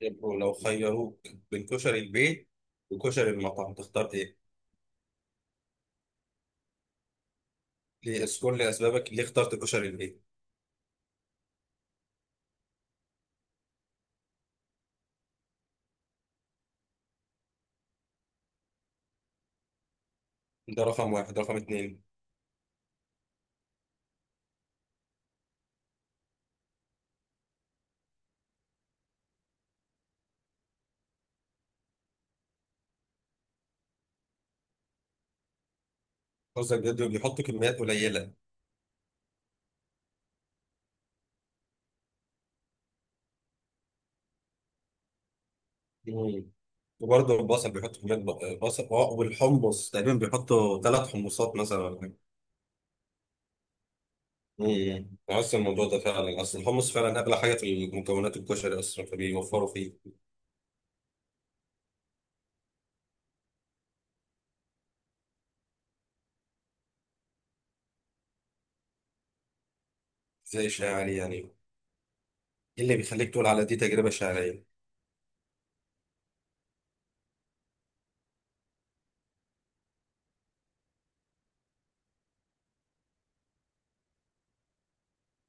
يبقوا لو خيروك بين كشري البيت وكشري المطعم تختار ايه؟ ليه اذكر لي اسبابك ليه اخترت كشري البيت؟ ده رقم 1، رقم 2. رز الجد بيحط كميات قليلة. مم. وبرضه البصل بيحط كمية بصل والحمص تقريبا بيحطوا 3 حمصات مثلا ولا حاجة. بحس الموضوع ده فعلا اصل الحمص فعلا اغلى حاجة في مكونات الكشري اصلا فبيوفروا فيه. زي الشاعري يعني ايه اللي بيخليك تقول على دي تجربة شعرية؟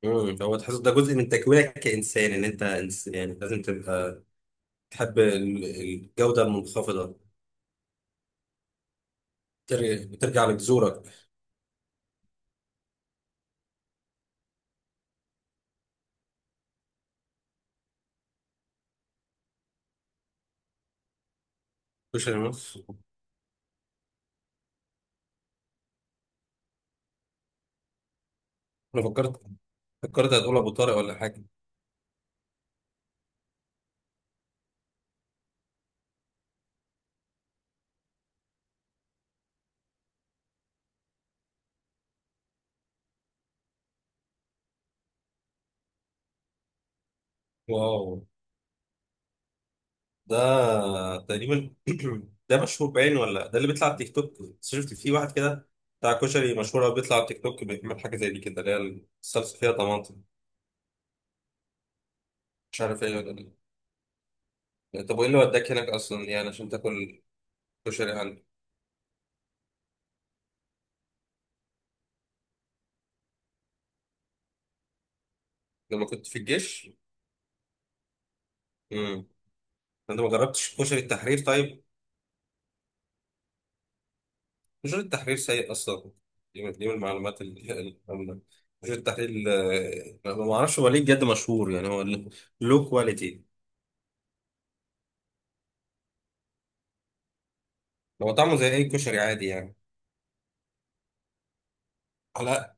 هو تحس ده جزء من تكوينك كإنسان ان انت يعني لازم تبقى تحب الجودة المنخفضة. ترجع لجذورك. مش انا بس. أنا فكرت هتقول ابو طارق ولا حاجة. واو. ده تقريبا ده مشهور بعينه ولا ده اللي بيطلع على التيك توك؟ بس شفت في واحد كده بتاع كشري مشهور قوي بيطلع على التيك توك بيعمل حاجة زي دي كده، اللي هي الصلصة فيها طماطم. مش عارف ايه ولا إيه. طب وايه اللي وداك هناك اصلا يعني عشان تاكل كشري عندك؟ لما كنت في الجيش؟ انت ما جربتش كشري التحرير طيب؟ كشري التحرير سيء اصلا. دي من من المعلومات اللي كشري التحرير ما اعرفش هو ليه بجد مشهور، يعني هو لو كواليتي، هو طعمه زي اي كشري عادي يعني. لا،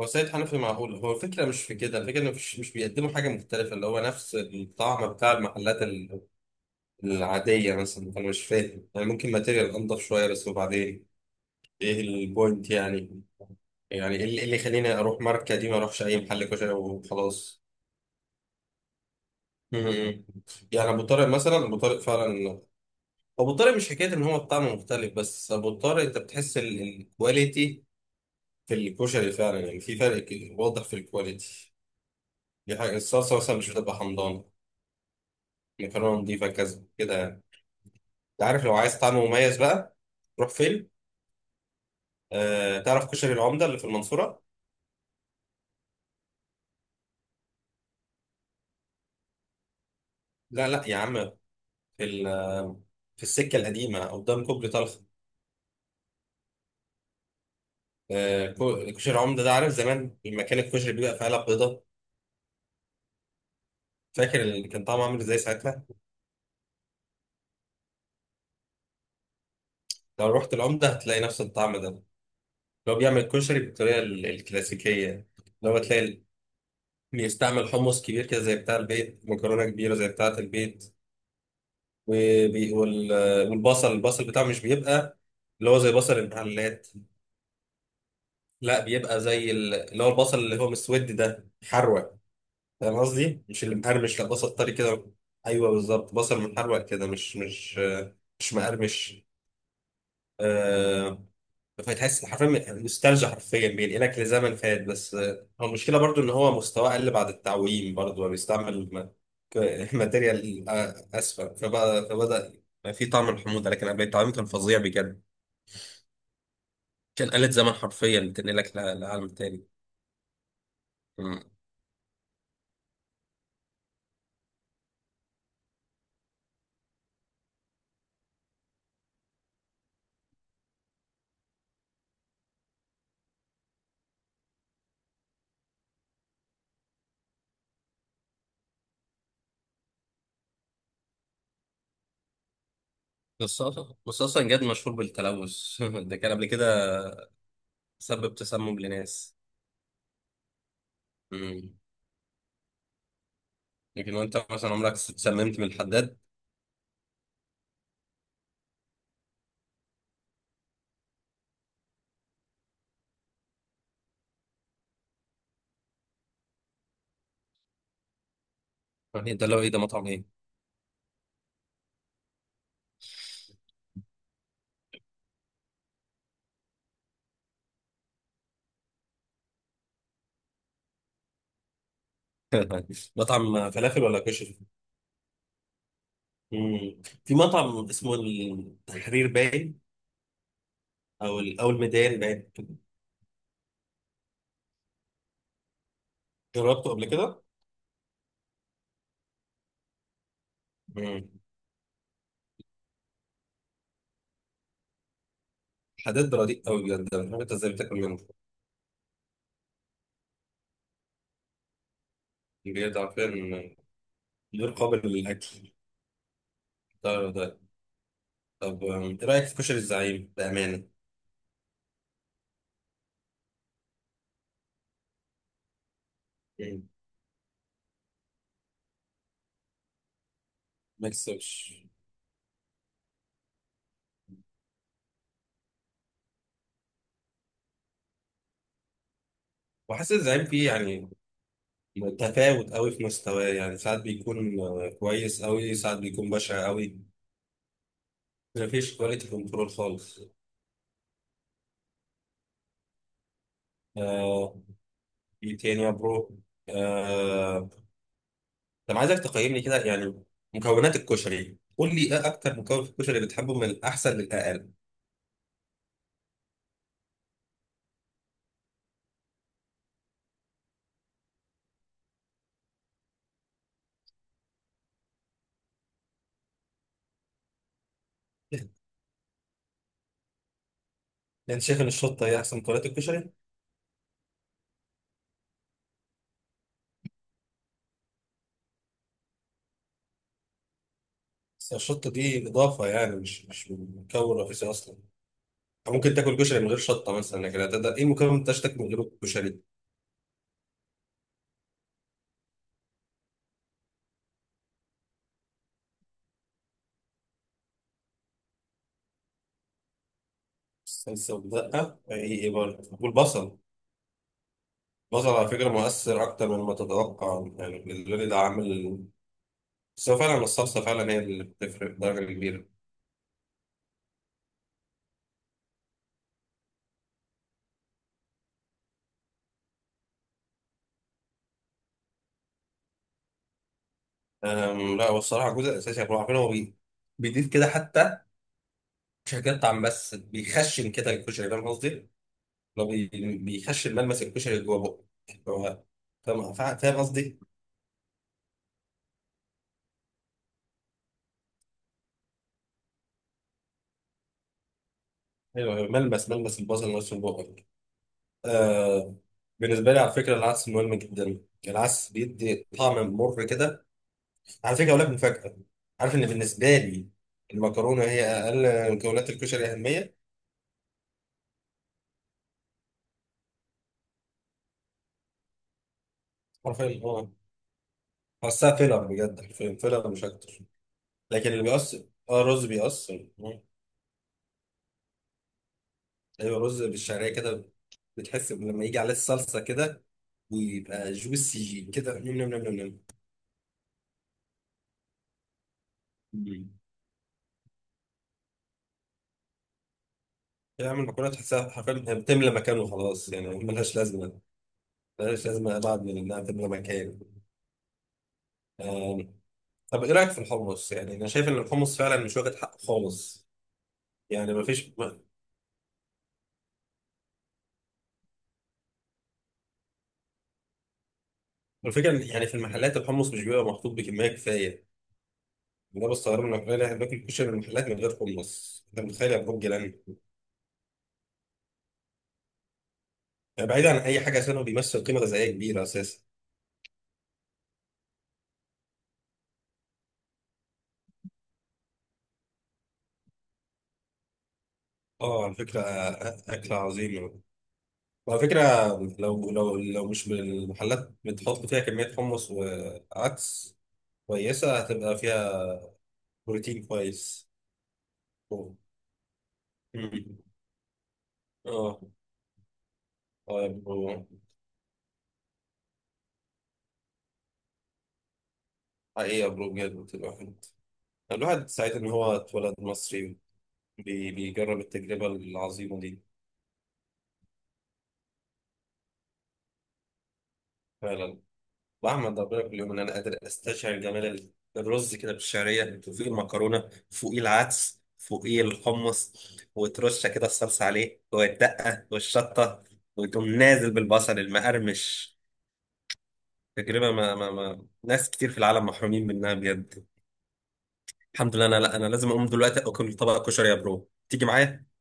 هو سيد حنفي معقول، هو الفكره مش في كده، الفكره انه مش بيقدموا حاجه مختلفه، اللي هو نفس الطعم بتاع المحلات العاديه مثلا. انا مش فاهم يعني، ممكن ماتيريال انضف شويه بس، وبعدين ايه البوينت يعني؟ يعني ايه اللي اللي يخليني اروح ماركه دي ما اروحش اي محل كشري وخلاص؟ مم. يعني ابو طارق مثلا، ابو طارق مش حكايه ان هو الطعم مختلف، بس ابو طارق انت بتحس الكواليتي في الكشري فعلا، يعني في فرق واضح في الكواليتي دي. حاجه الصلصه مثلا مش بتبقى حمضانه، المكرونه نضيفه كذا كده يعني. انت عارف لو عايز طعم مميز بقى روح فين؟ آه تعرف كشري العمده اللي في المنصوره؟ لا لا يا عم، في في السكه القديمه قدام كوبري طلخه. كشري العمده ده، عارف زمان المكان الكشري بيبقى في علب بيضاء، فاكر اللي كان طعمه عامل ازاي ساعتها؟ لو رحت العمدة هتلاقي نفس الطعم ده لو بيعمل كشري بالطريقة الكلاسيكية. لو تلاقي بيستعمل حمص كبير كده زي بتاع البيت، مكرونة كبيرة زي بتاعة البيت، والبصل، البصل بتاعه مش بيبقى اللي هو زي بصل المحلات، لا بيبقى زي اللي هو البصل اللي هو مسود ده، محروق، فاهم قصدي؟ مش اللي مقرمش، لا بصل طري كده. ايوه بالظبط، بصل محروق كده، مش مقرمش. آه، فتحس حرفيا نوستالجيا، حرفيا بينقلك لزمن فات. بس آه، هو المشكله برضو ان هو مستواه قل بعد التعويم، برضو هو بيستعمل ماتيريال اسفل، فبدا بقى في طعم الحموضه، لكن قبل التعويم كان فظيع بجد. كان آلة زمن حرفيا بتنقلك لعالم تاني. مم. بس اصلا جد مشهور بالتلوث. ده كان قبل كده سبب تسمم لناس. مم. لكن وانت مثلا عمرك اتسممت من الحداد؟ يعني ده لو ايه، ده مطعم ايه؟ مطعم فلافل ولا كشري؟ مم. في مطعم اسمه التحرير باين، او او الميدان باين. جربته قبل كده؟ مم. حداد رديء قوي بجد، انا مش عارف انت ازاي بتاكل منه. بجد عارفين، غير قابل للاكل. ده طب أم، ايه رايك في كشري الزعيم بامانه؟ مم. ما يكسبش. وحاسس الزعيم فيه يعني تفاوت قوي في مستواه، يعني ساعات بيكون آه، كويس قوي، ساعات بيكون بشع قوي. مفيش كواليتي كنترول خالص. آه، ايه تاني يا برو؟ آه، طب عايزك تقيمني كده يعني مكونات الكشري، قول لي ايه اكتر مكون في الكشري بتحبه من الاحسن للاقل. انت شايف ان الشطه هي احسن مكونات الكشري؟ بس الشطه دي اضافه يعني، مش مكون رئيسي اصلا. ممكن تاكل كشري من غير شطه مثلا، لكن هتقدر ايه مكون ما تاكل من غير الكشري؟ الصلصه والدقه، ايه ايه برضه؟ والبصل، البصل على فكره مؤثر اكتر مما تتوقع، يعني بالنسبه لي ده عامل. بس هو فعلا الصلصه فعلا هي اللي بتفرق بدرجه كبيره. أم، لا والصراحه الجزء الاساسي، احنا عارفين، هو بيضيف كده، حتى مش هيقطع، بس بيخشن كده الكشري، فاهم قصدي؟ لو بيخشن ملمس الكشري جوه بقه. هو فاهم قصدي؟ أيوة، أيوه، ملمس البصل نفسه بقه. آه، بالنسبة لي على فكرة العدس مهم جدا، العدس بيدي طعم مر كده. على فكرة أقول لك مفاجأة، عارف إن بالنسبة لي المكرونة هي أقل مكونات الكشري أهمية؟ حرفيا اه، بحسها فيلر بجد، حرفيا فيلر مش أكتر. لكن اللي بيأثر اه، الرز بيأثر. ايوه، رز بالشعريه كده، بتحس إن لما يجي عليه الصلصه كده ويبقى جوسي كده، نم نم نم نم نم. تعمل مكرونه تحسها حرفيا بتملى مكانه خلاص، يعني ملهاش لازمه، ملهاش لازمه بعد من انها تملى مكان. آم، طب ايه رايك في الحمص؟ يعني انا شايف ان الحمص فعلا مش واخد حقه خالص، يعني مفيش فيش. الفكره إن يعني في المحلات الحمص مش بيبقى محطوط بكميه كفايه. ده بستغرب من الأغنياء اللي احنا بناكل كشري من المحلات من غير حمص، انت متخيل يا برج جيران؟ يعني بعيد عن اي حاجه، عشان هو بيمثل قيمه غذائيه كبيره اساسا. اه على فكرة آه، أكل عظيم. وعلى فكرة لو لو مش من المحلات بتحط فيها كمية حمص وعدس كويسة، هتبقى فيها بروتين كويس. أوه. مم. اه. اه يا برو. حقيقة يا برو بجد، الواحد سعيد إن هو اتولد مصري، بيجرب التجربة العظيمة دي. فعلا. واحمد ربنا كل يوم ان انا قادر استشعر جمال الرز كده بالشعريه، وفوقيه المكرونه، فوقيه العدس، فوقيه الحمص، وترشه كده الصلصه عليه والدقه والشطه، وتقوم نازل بالبصل المقرمش. تجربه ما ناس كتير في العالم محرومين منها بجد. الحمد لله. انا لا انا لازم اقوم دلوقتي اكل طبق كشري، يا برو تيجي معايا؟